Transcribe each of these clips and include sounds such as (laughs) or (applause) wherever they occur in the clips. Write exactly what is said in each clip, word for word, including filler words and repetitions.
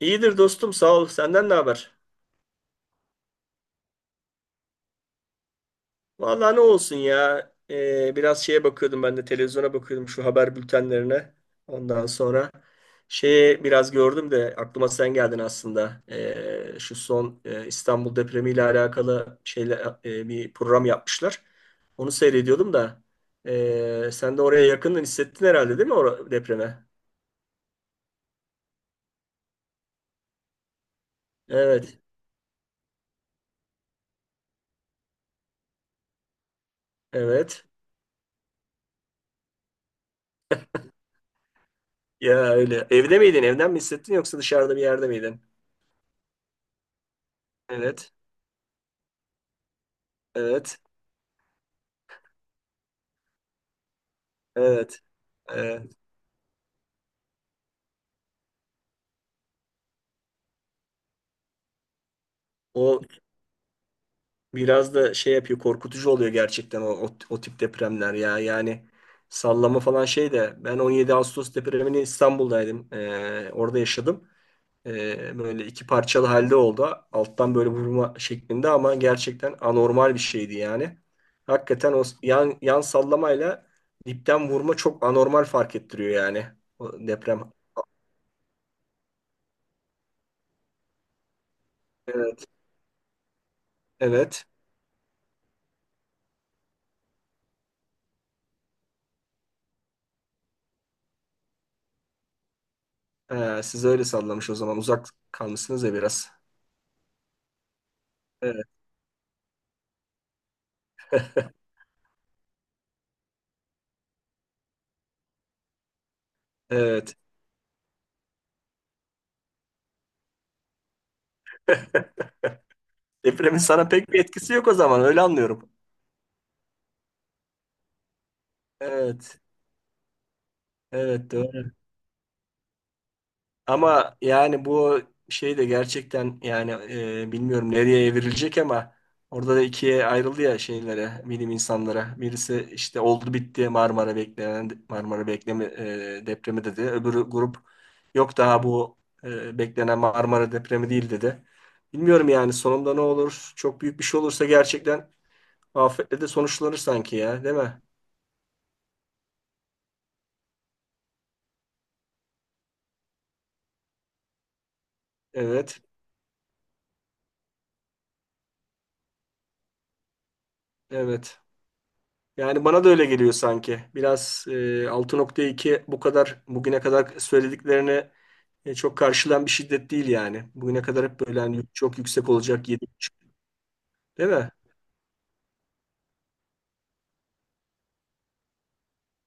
İyidir dostum sağ ol. Senden ne haber? Vallahi ne olsun ya. Ee, biraz şeye bakıyordum, ben de televizyona bakıyordum, şu haber bültenlerine. Ondan sonra şeye biraz gördüm de aklıma sen geldin aslında. Ee, şu son e, İstanbul depremiyle alakalı şeyle e, bir program yapmışlar. Onu seyrediyordum da ee, sen de oraya yakından hissettin herhalde, değil mi o depreme? Evet. Evet. Ya öyle. Evde miydin? Evden mi hissettin yoksa dışarıda bir yerde miydin? Evet. Evet. Evet. Evet. O biraz da şey yapıyor, korkutucu oluyor gerçekten o, o, o tip depremler ya. Yani sallama falan şey de ben on yedi Ağustos depremini İstanbul'daydım. Ee, orada yaşadım. Ee, böyle iki parçalı halde oldu. Alttan böyle vurma şeklinde ama gerçekten anormal bir şeydi yani. Hakikaten o yan, yan sallamayla dipten vurma çok anormal fark ettiriyor yani o deprem. Evet. Evet. Ee, siz öyle sallamış o zaman uzak kalmışsınız ya biraz. Evet. Evet. (laughs) Depremin sana pek bir etkisi yok o zaman, öyle anlıyorum. Evet. Evet doğru. Ama yani bu şey de gerçekten yani, e, bilmiyorum nereye evrilecek ama orada da ikiye ayrıldı ya şeylere, bilim insanlara. Birisi işte oldu bitti Marmara beklenen Marmara bekleme e, depremi dedi. Öbürü grup yok daha bu e, beklenen Marmara depremi değil dedi. Bilmiyorum yani sonunda ne olur? Çok büyük bir şey olursa gerçekten afetle de sonuçlanır sanki ya, değil mi? Evet, evet. Yani bana da öyle geliyor sanki. Biraz e, altı nokta iki bu kadar bugüne kadar söylediklerine e, çok karşılan bir şiddet değil yani. Bugüne kadar hep böyle hani çok yüksek olacak yedi buçuk değil mi?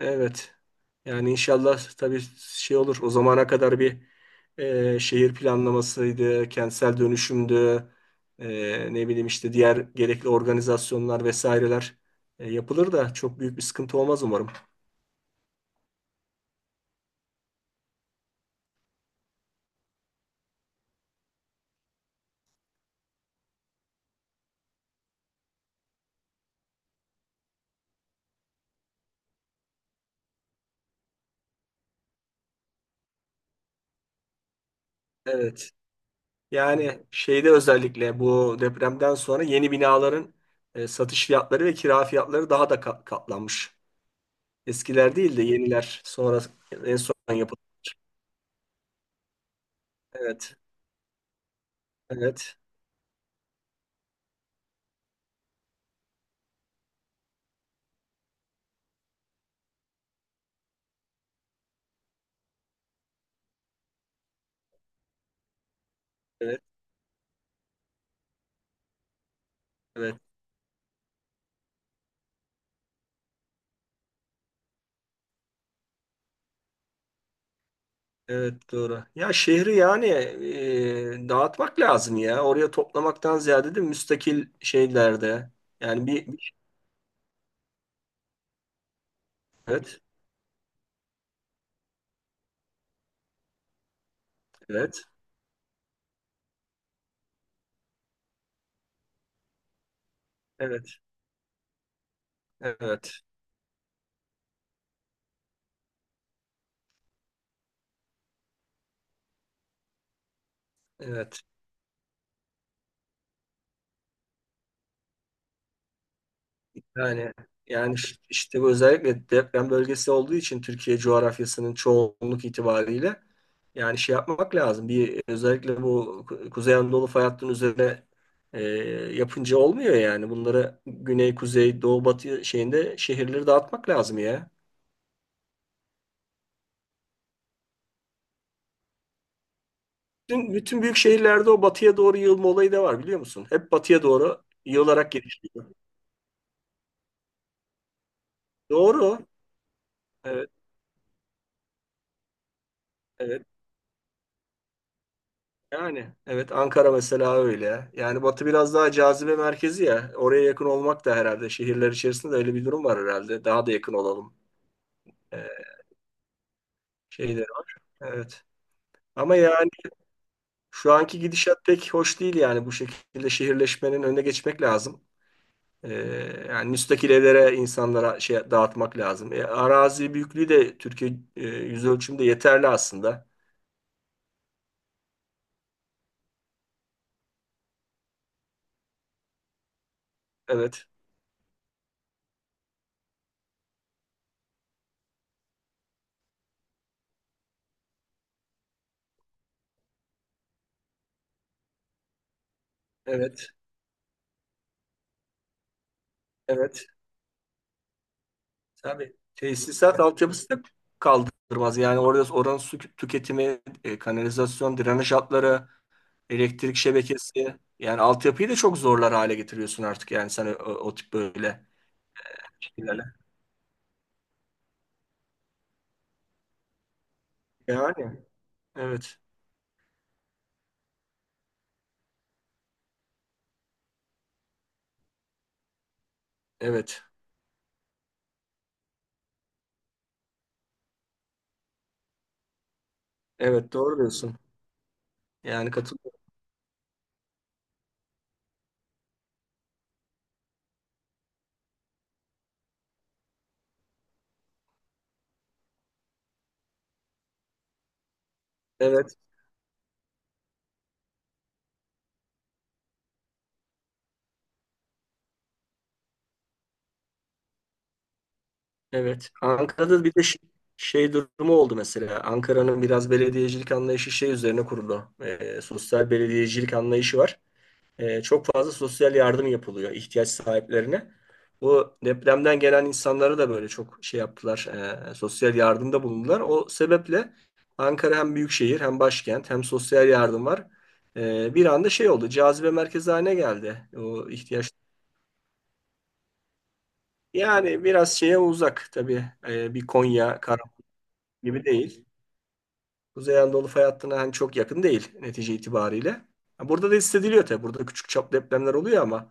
Evet. Yani inşallah tabii şey olur. O zamana kadar bir e, şehir planlamasıydı, kentsel dönüşümdü, e, ne bileyim işte diğer gerekli organizasyonlar vesaireler e, yapılır da çok büyük bir sıkıntı olmaz umarım. Evet. Yani şeyde özellikle bu depremden sonra yeni binaların e, satış fiyatları ve kira fiyatları daha da ka- katlanmış. Eskiler değil de yeniler sonra en son yapılan. Evet, evet, evet, evet, evet doğru. Ya şehri yani e, dağıtmak lazım ya. Oraya toplamaktan ziyade de müstakil şeylerde. Yani bir, bir- evet, evet, evet, evet, evet. Yani yani ş- işte bu özellikle deprem bölgesi olduğu için Türkiye coğrafyasının çoğunluk itibariyle, yani şey yapmak lazım. Bir özellikle bu Ku- Kuzey Anadolu fay hattının üzerine e, yapınca olmuyor yani. Bunları güney, kuzey, doğu, batı şeyinde şehirleri dağıtmak lazım ya. Bütün, bütün büyük şehirlerde o batıya doğru yığılma olayı da var biliyor musun? Hep batıya doğru yığılarak gelişiyor. Doğru. Evet, evet. Yani evet Ankara mesela öyle. Yani Batı biraz daha cazibe merkezi ya. Oraya yakın olmak da herhalde, şehirler içerisinde de öyle bir durum var herhalde. Daha da yakın olalım e, şeyleri var. Evet. Ama yani şu anki gidişat pek hoş değil, yani bu şekilde şehirleşmenin önüne geçmek lazım. E, Yani müstakil evlere insanlara şey dağıtmak lazım. E, arazi büyüklüğü de Türkiye e, yüz ölçümde yeterli aslında. Evet. Evet. Evet. Tabii tesisat altyapısı da kaldırmaz. Yani orada oranın su tüketimi, e, kanalizasyon, drenaj hatları, elektrik şebekesi. Yani altyapıyı da çok zorlar hale getiriyorsun artık yani sen o, o tip böyle şeylerle. Yani evet. Evet. Evet doğru diyorsun. Yani katılıyorum. Evet. Evet. Ankara'da bir de şey, şey durumu oldu mesela. Ankara'nın biraz belediyecilik anlayışı şey üzerine kuruldu. E, sosyal belediyecilik anlayışı var. E, çok fazla sosyal yardım yapılıyor ihtiyaç sahiplerine. Bu depremden gelen insanlara da böyle çok şey yaptılar, e, sosyal yardımda bulundular. O sebeple Ankara hem büyük şehir, hem başkent, hem sosyal yardım var. E, bir anda şey oldu, cazibe merkezi haline geldi o ihtiyaç. Yani biraz şeye uzak tabii. E, bir Konya, Karaman gibi değil. Kuzey Anadolu fay hattına hani çok yakın değil netice itibariyle. Ha, burada da hissediliyor tabii, burada küçük çaplı depremler oluyor ama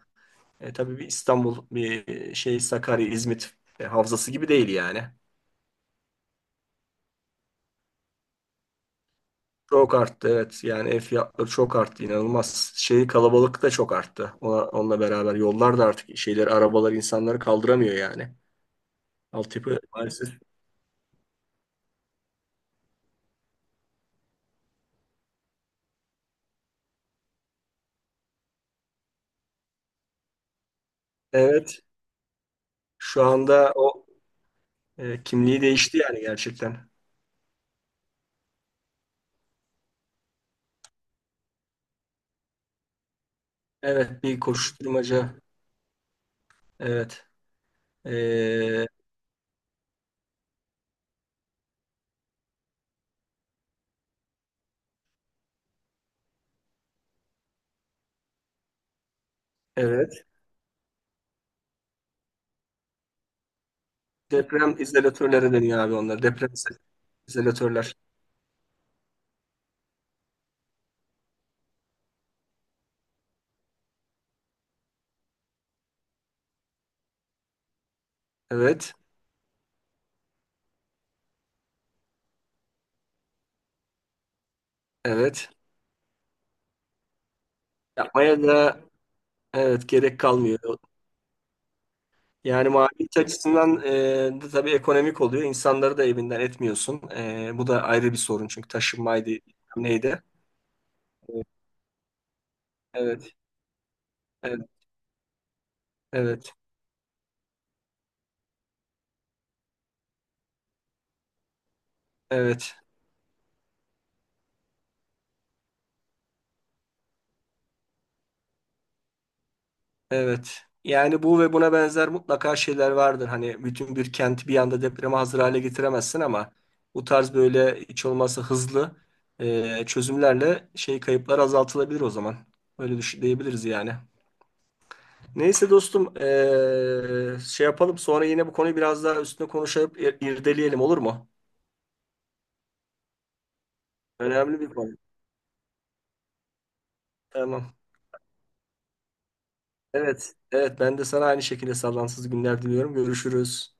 E, tabii bir İstanbul, bir e, şey Sakarya, İzmit e, havzası gibi değil yani. Çok arttı evet. Yani ev fiyatları çok arttı inanılmaz. Şey kalabalık da çok arttı. Ona, onunla beraber yollar da artık şeyleri arabalar insanları kaldıramıyor yani. Altyapı maalesef. Evet. Şu anda o e, kimliği değişti yani gerçekten. Evet bir koşuşturmaca. Evet. E, evet. Deprem izolatörleri deniyor abi onlar. Deprem iz- izolatörler. Evet. Evet. Yapmaya da evet gerek kalmıyor. Yani maliyet açısından e, de tabii ekonomik oluyor. İnsanları da evinden etmiyorsun. E, bu da ayrı bir sorun çünkü taşınmaydı neydi? Evet, evet, evet, evet, evet. Yani bu ve buna benzer mutlaka şeyler vardır. Hani bütün bir kenti bir anda depreme hazır hale getiremezsin ama bu tarz böyle hiç olmazsa hızlı e, çözümlerle şey kayıplar azaltılabilir o zaman. Öyle düşün, diyebiliriz yani. Neyse dostum eee, şey yapalım sonra yine bu konuyu biraz daha üstüne konuşup ir- irdeleyelim, olur mu? Önemli bir konu. Tamam. Evet, evet ben de sana aynı şekilde sallansız günler diliyorum. Görüşürüz.